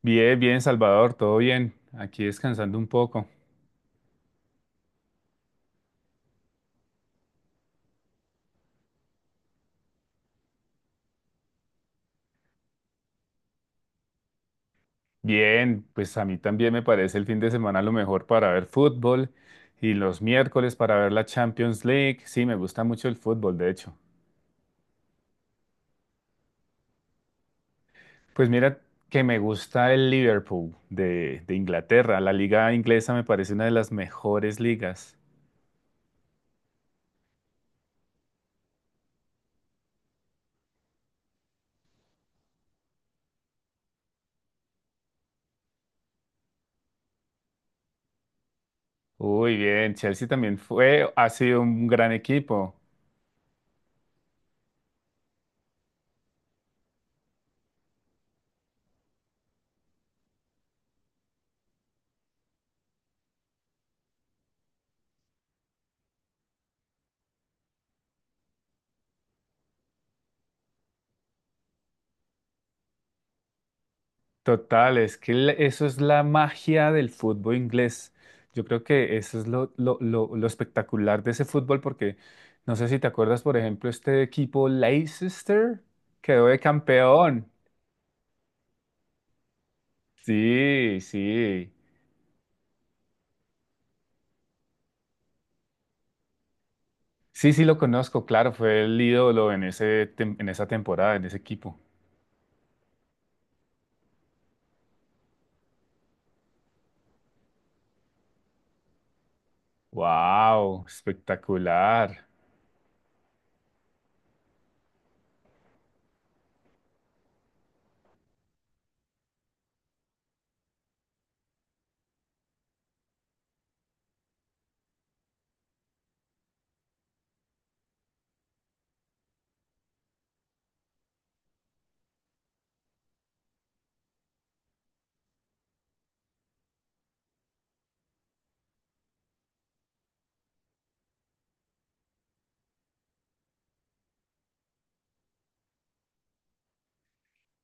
Bien, bien, Salvador, todo bien. Aquí descansando un poco. Bien, pues a mí también me parece el fin de semana lo mejor para ver fútbol y los miércoles para ver la Champions League. Sí, me gusta mucho el fútbol, de hecho. Pues mira que me gusta el Liverpool de Inglaterra. La liga inglesa me parece una de las mejores ligas. Uy, bien, Chelsea también fue, ha sido un gran equipo. Total, es que eso es la magia del fútbol inglés. Yo creo que eso es lo espectacular de ese fútbol, porque no sé si te acuerdas, por ejemplo, este equipo Leicester quedó de campeón. Sí, sí. Sí, sí lo conozco, claro, fue el ídolo en en esa temporada, en ese equipo. ¡Wow! Espectacular.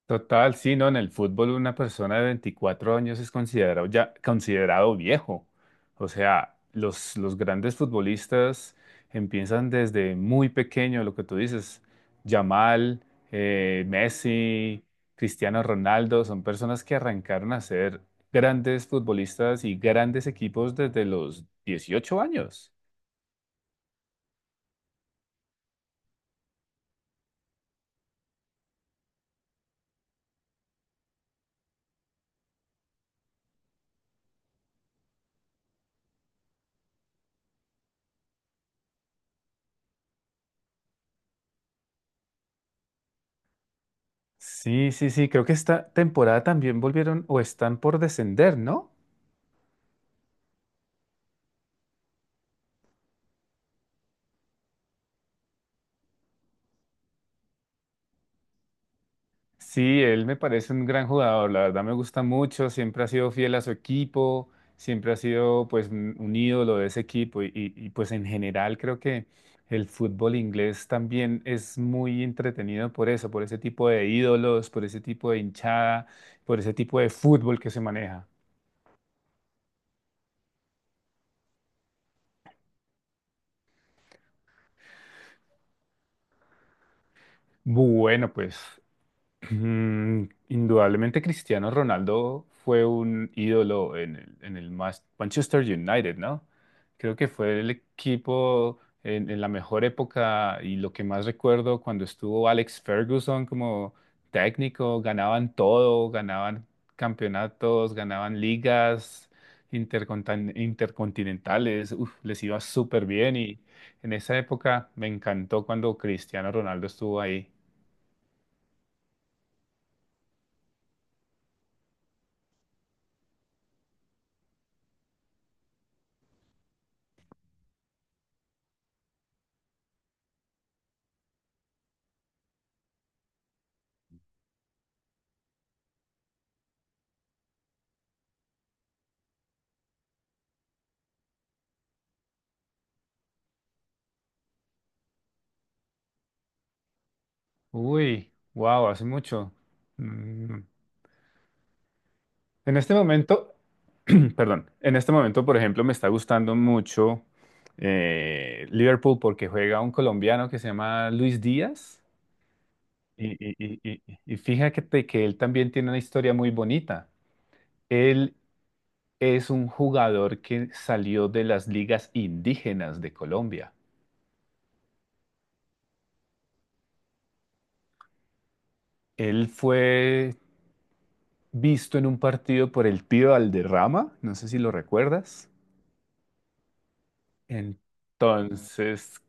Total, sí, ¿no? En el fútbol una persona de 24 años es considerado ya considerado viejo. O sea, los grandes futbolistas empiezan desde muy pequeño, lo que tú dices, Yamal, Messi, Cristiano Ronaldo, son personas que arrancaron a ser grandes futbolistas y grandes equipos desde los 18 años. Sí, sí, sí, creo que esta temporada también volvieron o están por descender, ¿no? Sí, él me parece un gran jugador, la verdad me gusta mucho, siempre ha sido fiel a su equipo, siempre ha sido pues un ídolo de ese equipo y pues en general creo que el fútbol inglés también es muy entretenido por eso, por ese tipo de ídolos, por ese tipo de hinchada, por ese tipo de fútbol que se maneja. Bueno, pues. Indudablemente Cristiano Ronaldo fue un ídolo en el Manchester United, ¿no? Creo que fue el equipo en la mejor época y lo que más recuerdo cuando estuvo Alex Ferguson como técnico, ganaban todo, ganaban campeonatos, ganaban ligas intercontinentales, uf, les iba súper bien y en esa época me encantó cuando Cristiano Ronaldo estuvo ahí. Uy, wow, hace mucho. Mm. En este momento, perdón, en este momento, por ejemplo, me está gustando mucho Liverpool porque juega un colombiano que se llama Luis Díaz y, y fíjate que él también tiene una historia muy bonita. Él es un jugador que salió de las ligas indígenas de Colombia. Él fue visto en un partido por el tío Valderrama, no sé si lo recuerdas. entonces,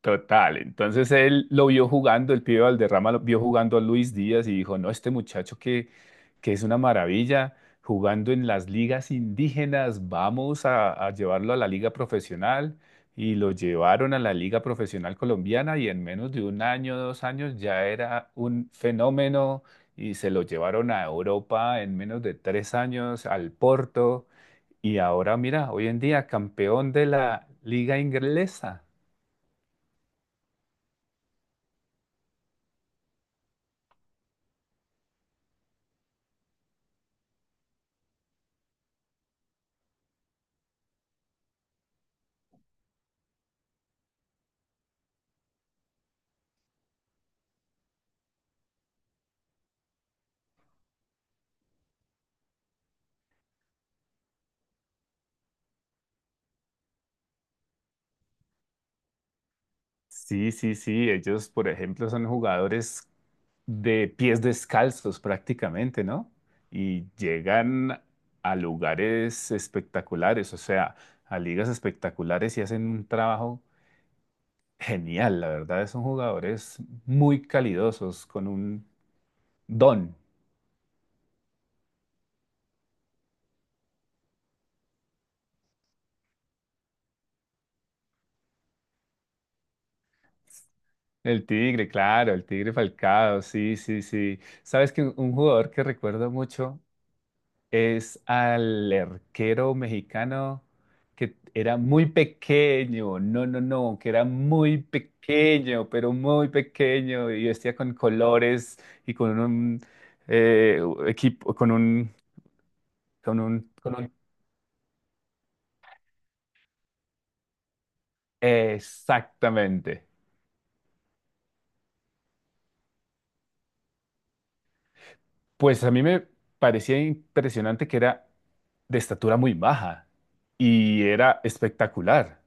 Total, entonces él lo vio jugando, el pibe Valderrama lo vio jugando a Luis Díaz y dijo, no, este muchacho que es una maravilla, jugando en las ligas indígenas, a llevarlo a la liga profesional y lo llevaron a la liga profesional colombiana y en menos de un año, dos años ya era un fenómeno y se lo llevaron a Europa en menos de tres años al Porto y ahora mira, hoy en día campeón de la liga inglesa. Sí, sí, sí. Ellos, por ejemplo, son jugadores de pies descalzos prácticamente, ¿no? Y llegan a lugares espectaculares, o sea, a ligas espectaculares y hacen un trabajo genial. La verdad, son jugadores muy calidosos, con un don. El Tigre, claro, el Tigre Falcao, sí, sí, sí. ¿Sabes que un jugador que recuerdo mucho es al arquero mexicano que era muy pequeño, no, no, no, que era muy pequeño, pero muy pequeño y vestía con colores y con un eh, equipo, con un, exactamente. Pues a mí me parecía impresionante que era de estatura muy baja y era espectacular.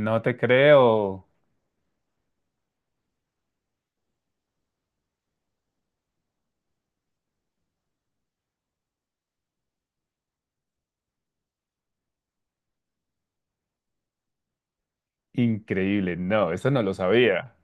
No te creo, increíble, no, eso no lo sabía.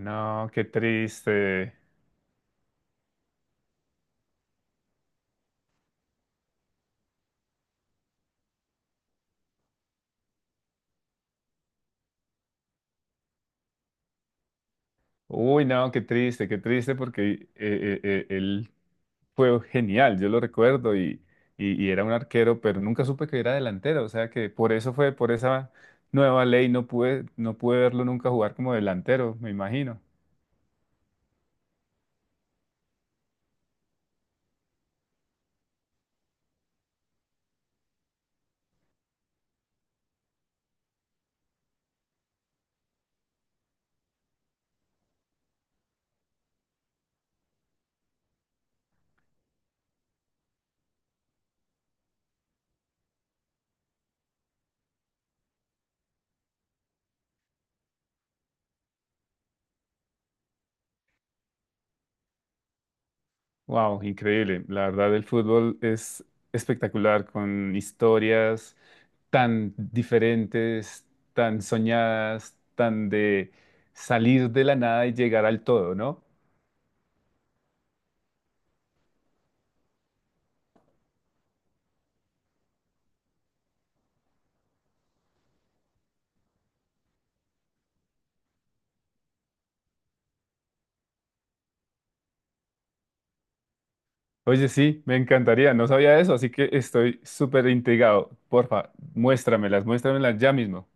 No, qué triste. Uy, no, qué triste porque él fue genial, yo lo recuerdo y, y era un arquero, pero nunca supe que era delantero, o sea que por eso fue, por esa nueva ley no pude, no pude verlo nunca jugar como delantero, me imagino. Wow, increíble. La verdad, el fútbol es espectacular con historias tan diferentes, tan soñadas, tan de salir de la nada y llegar al todo, ¿no? Oye, sí, me encantaría, no sabía eso, así que estoy súper intrigado. Porfa, muéstramelas, muéstramelas ya mismo.